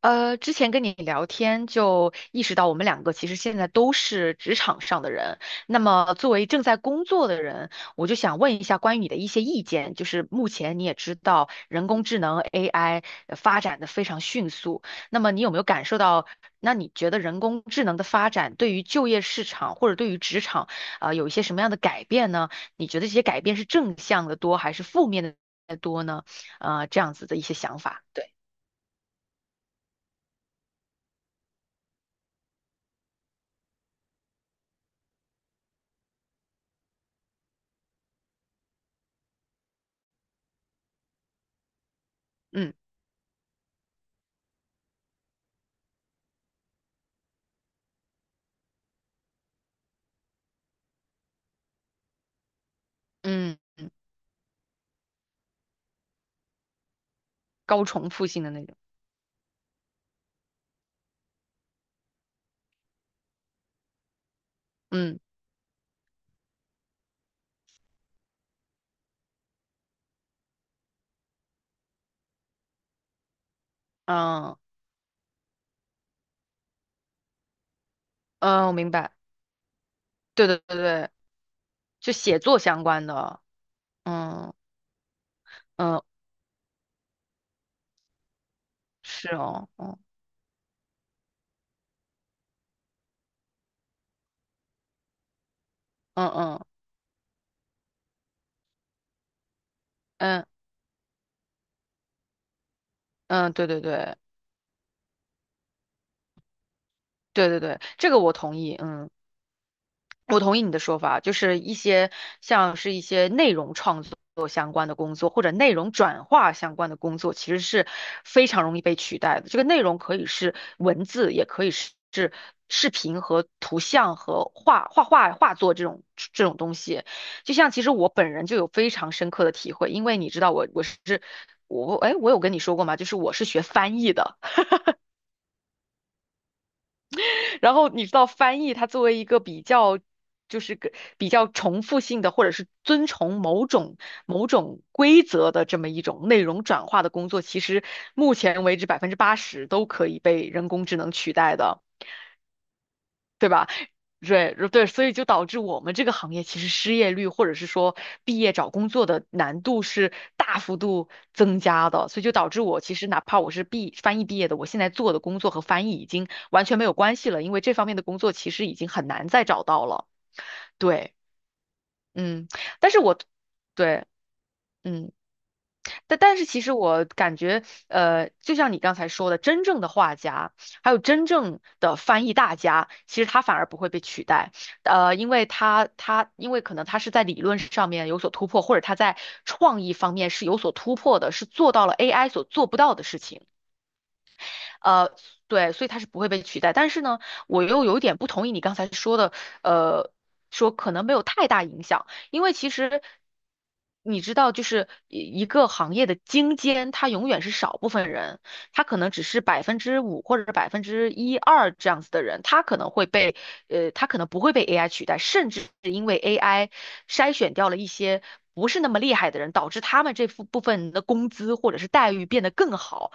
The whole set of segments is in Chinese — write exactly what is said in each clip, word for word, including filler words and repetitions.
呃，之前跟你聊天就意识到，我们两个其实现在都是职场上的人。那么，作为正在工作的人，我就想问一下关于你的一些意见。就是目前你也知道，人工智能 A I 呃发展的非常迅速。那么，你有没有感受到？那你觉得人工智能的发展对于就业市场或者对于职场，啊，有一些什么样的改变呢？你觉得这些改变是正向的多还是负面的多呢？呃，这样子的一些想法。对，嗯嗯。高重复性的那种。嗯嗯嗯，我明白。对对对对，就写作相关的。嗯嗯，是哦。嗯嗯嗯嗯嗯，对对对对对对，这个我同意。嗯。我同意你的说法，就是一些像是一些内容创作相关的工作，或者内容转化相关的工作，其实是非常容易被取代的。这个内容可以是文字，也可以是是视频和图像和画画画画作这种这种东西。就像其实我本人就有非常深刻的体会，因为你知道我我是我哎我有跟你说过吗？就是我是学翻译的。然后你知道翻译，它作为一个比较，就是个比较重复性的，或者是遵从某种某种规则的这么一种内容转化的工作，其实目前为止百分之八十都可以被人工智能取代的，对吧？对对，所以就导致我们这个行业其实失业率或者是说毕业找工作的难度是大幅度增加的，所以就导致我其实哪怕我是毕翻译毕业的，我现在做的工作和翻译已经完全没有关系了，因为这方面的工作其实已经很难再找到了。对，嗯，但是我对，嗯。但但是其实我感觉，呃，就像你刚才说的，真正的画家，还有真正的翻译大家，其实他反而不会被取代，呃，因为他他因为可能他是在理论上面有所突破，或者他在创意方面是有所突破的，是做到了 A I 所做不到的事情。呃，对，所以它是不会被取代。但是呢，我又有点不同意你刚才说的，呃，说可能没有太大影响，因为其实你知道，就是一一个行业的精尖，它永远是少部分人。他可能只是百分之五或者是百分之一二这样子的人，他可能会被呃，他可能不会被 A I 取代，甚至是因为 A I 筛选掉了一些不是那么厉害的人，导致他们这部部分的工资或者是待遇变得更好，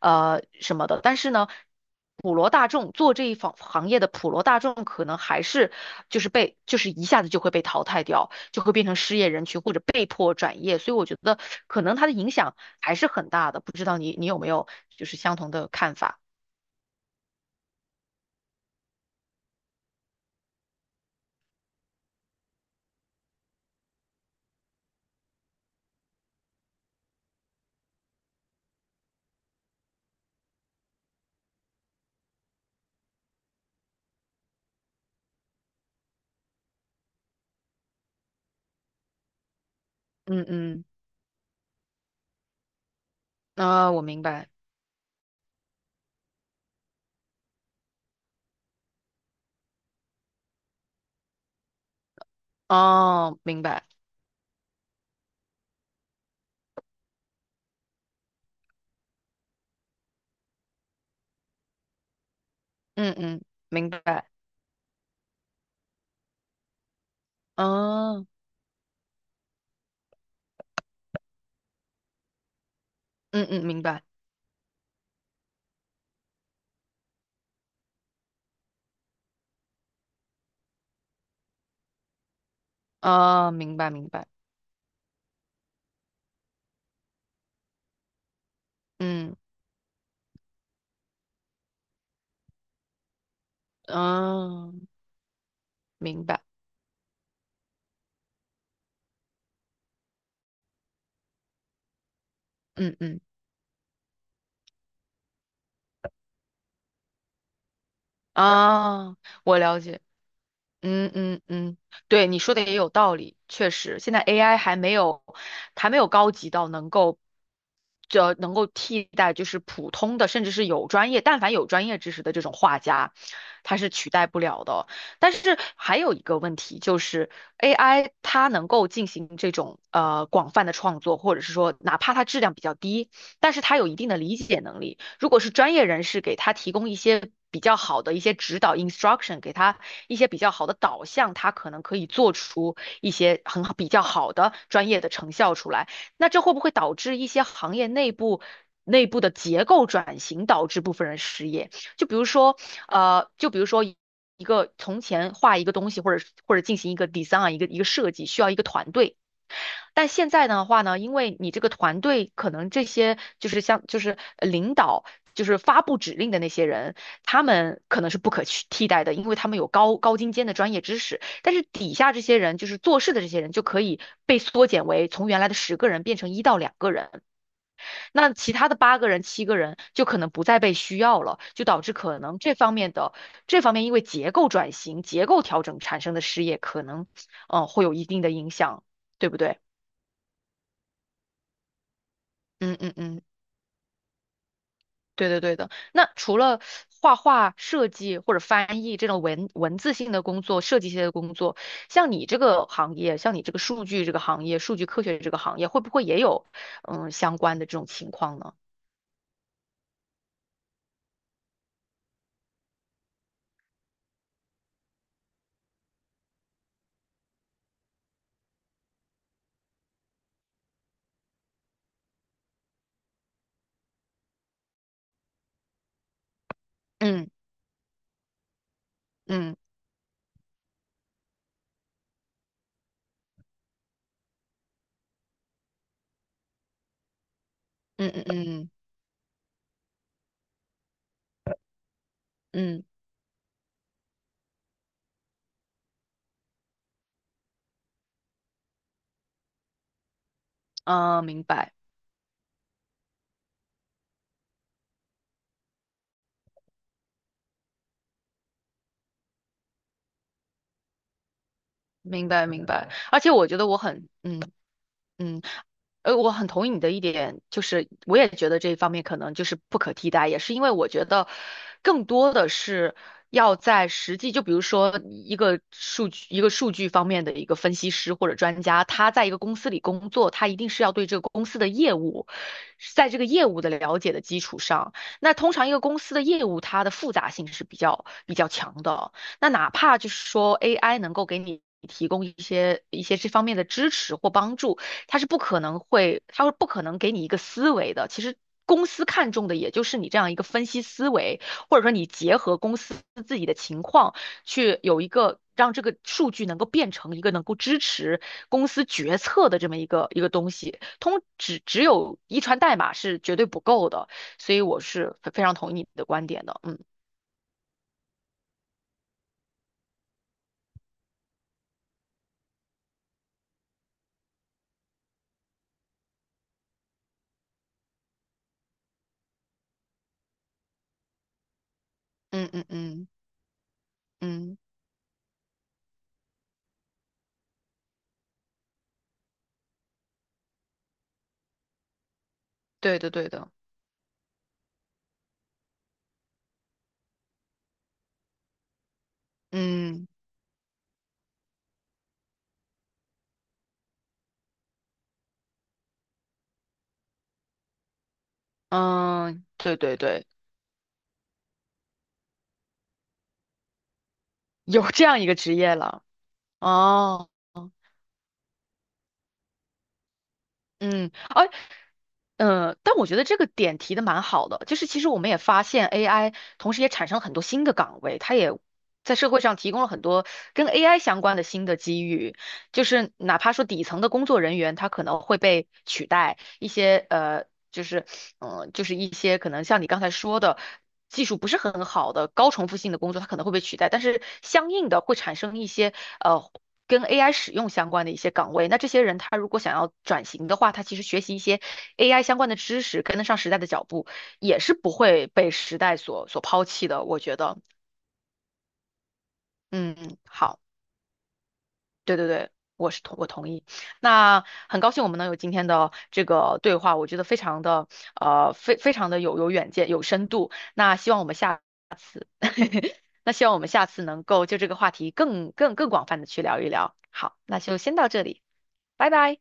呃什么的。但是呢。普罗大众做这一行行业的普罗大众，可能还是就是被就是一下子就会被淘汰掉，就会变成失业人群或者被迫转业，所以我觉得可能它的影响还是很大的。不知道你你有没有就是相同的看法？嗯嗯，啊、我明白，哦，明白，嗯嗯，明白，哦，嗯嗯，明白，哦，明白明白，嗯，哦，明白，嗯嗯，啊、我了解。嗯嗯嗯，对，你说的也有道理，确实，现在 A I 还没有，还没有高级到能够，就能够替代就是普通的，甚至是有专业，但凡有专业知识的这种画家，他是取代不了的哦。但是还有一个问题就是 A I 它能够进行这种呃广泛的创作，或者是说哪怕它质量比较低，但是它有一定的理解能力。如果是专业人士给他提供一些比较好的一些指导 instruction，给他一些比较好的导向，它可能可以做出一些很好比较好的专业的成效出来。那这会不会导致一些行业内部？内部的结构转型导致部分人失业，就比如说，呃，就比如说一个从前画一个东西，或者或者进行一个 design，一个一个设计，需要一个团队，但现在的话呢，因为你这个团队可能这些就是像就是呃领导，就是发布指令的那些人，他们可能是不可去替代的，因为他们有高高精尖的专业知识。但是底下这些人，就是做事的这些人，就可以被缩减为从原来的十个人变成一到两个人，那其他的八个人、七个人就可能不再被需要了，就导致可能这方面的这方面因为结构转型、结构调整产生的失业，可能嗯、呃会有一定的影响，对不对？嗯嗯嗯。对的，对的。那除了画画、设计或者翻译这种文文字性的工作、设计性的工作，像你这个行业，像你这个数据这个行业、数据科学这个行业，会不会也有嗯相关的这种情况呢？嗯嗯嗯嗯嗯嗯，啊，明白明白明白。而且我觉得我很嗯嗯。呃，我很同意你的一点，就是我也觉得这一方面可能就是不可替代，也是因为我觉得更多的是要在实际，就比如说一个数据一个数据方面的一个分析师或者专家，他在一个公司里工作，他一定是要对这个公司的业务，在这个业务的了解的基础上，那通常一个公司的业务它的复杂性是比较比较强的，那哪怕就是说 A I 能够给你，提供一些一些这方面的支持或帮助，它是不可能会，它会不可能给你一个思维的。其实公司看重的也就是你这样一个分析思维，或者说你结合公司自己的情况去有一个让这个数据能够变成一个能够支持公司决策的这么一个一个东西。通只只有遗传代码是绝对不够的，所以我是非非常同意你的观点的。嗯嗯嗯嗯嗯，对的对的，嗯嗯对对对，有这样一个职业了哦。嗯，而呃，但我觉得这个点提的蛮好的，就是其实我们也发现 A I，同时也产生了很多新的岗位，它也在社会上提供了很多跟 A I 相关的新的机遇，就是哪怕说底层的工作人员，他可能会被取代，一些呃，就是嗯、呃就是一些可能像你刚才说的。技术不是很好的高重复性的工作，它可能会被取代，但是相应的会产生一些呃跟 A I 使用相关的一些岗位。那这些人他如果想要转型的话，他其实学习一些 A I 相关的知识，跟得上时代的脚步，也是不会被时代所所抛弃的。我觉得，嗯，好，对对对。我是同我同意，那很高兴我们能有今天的这个对话，我觉得非常的呃非非常的有有远见有深度。那希望我们下 那希望我们下次能够就这个话题更更更广泛的去聊一聊。好，那就先到这里，拜拜。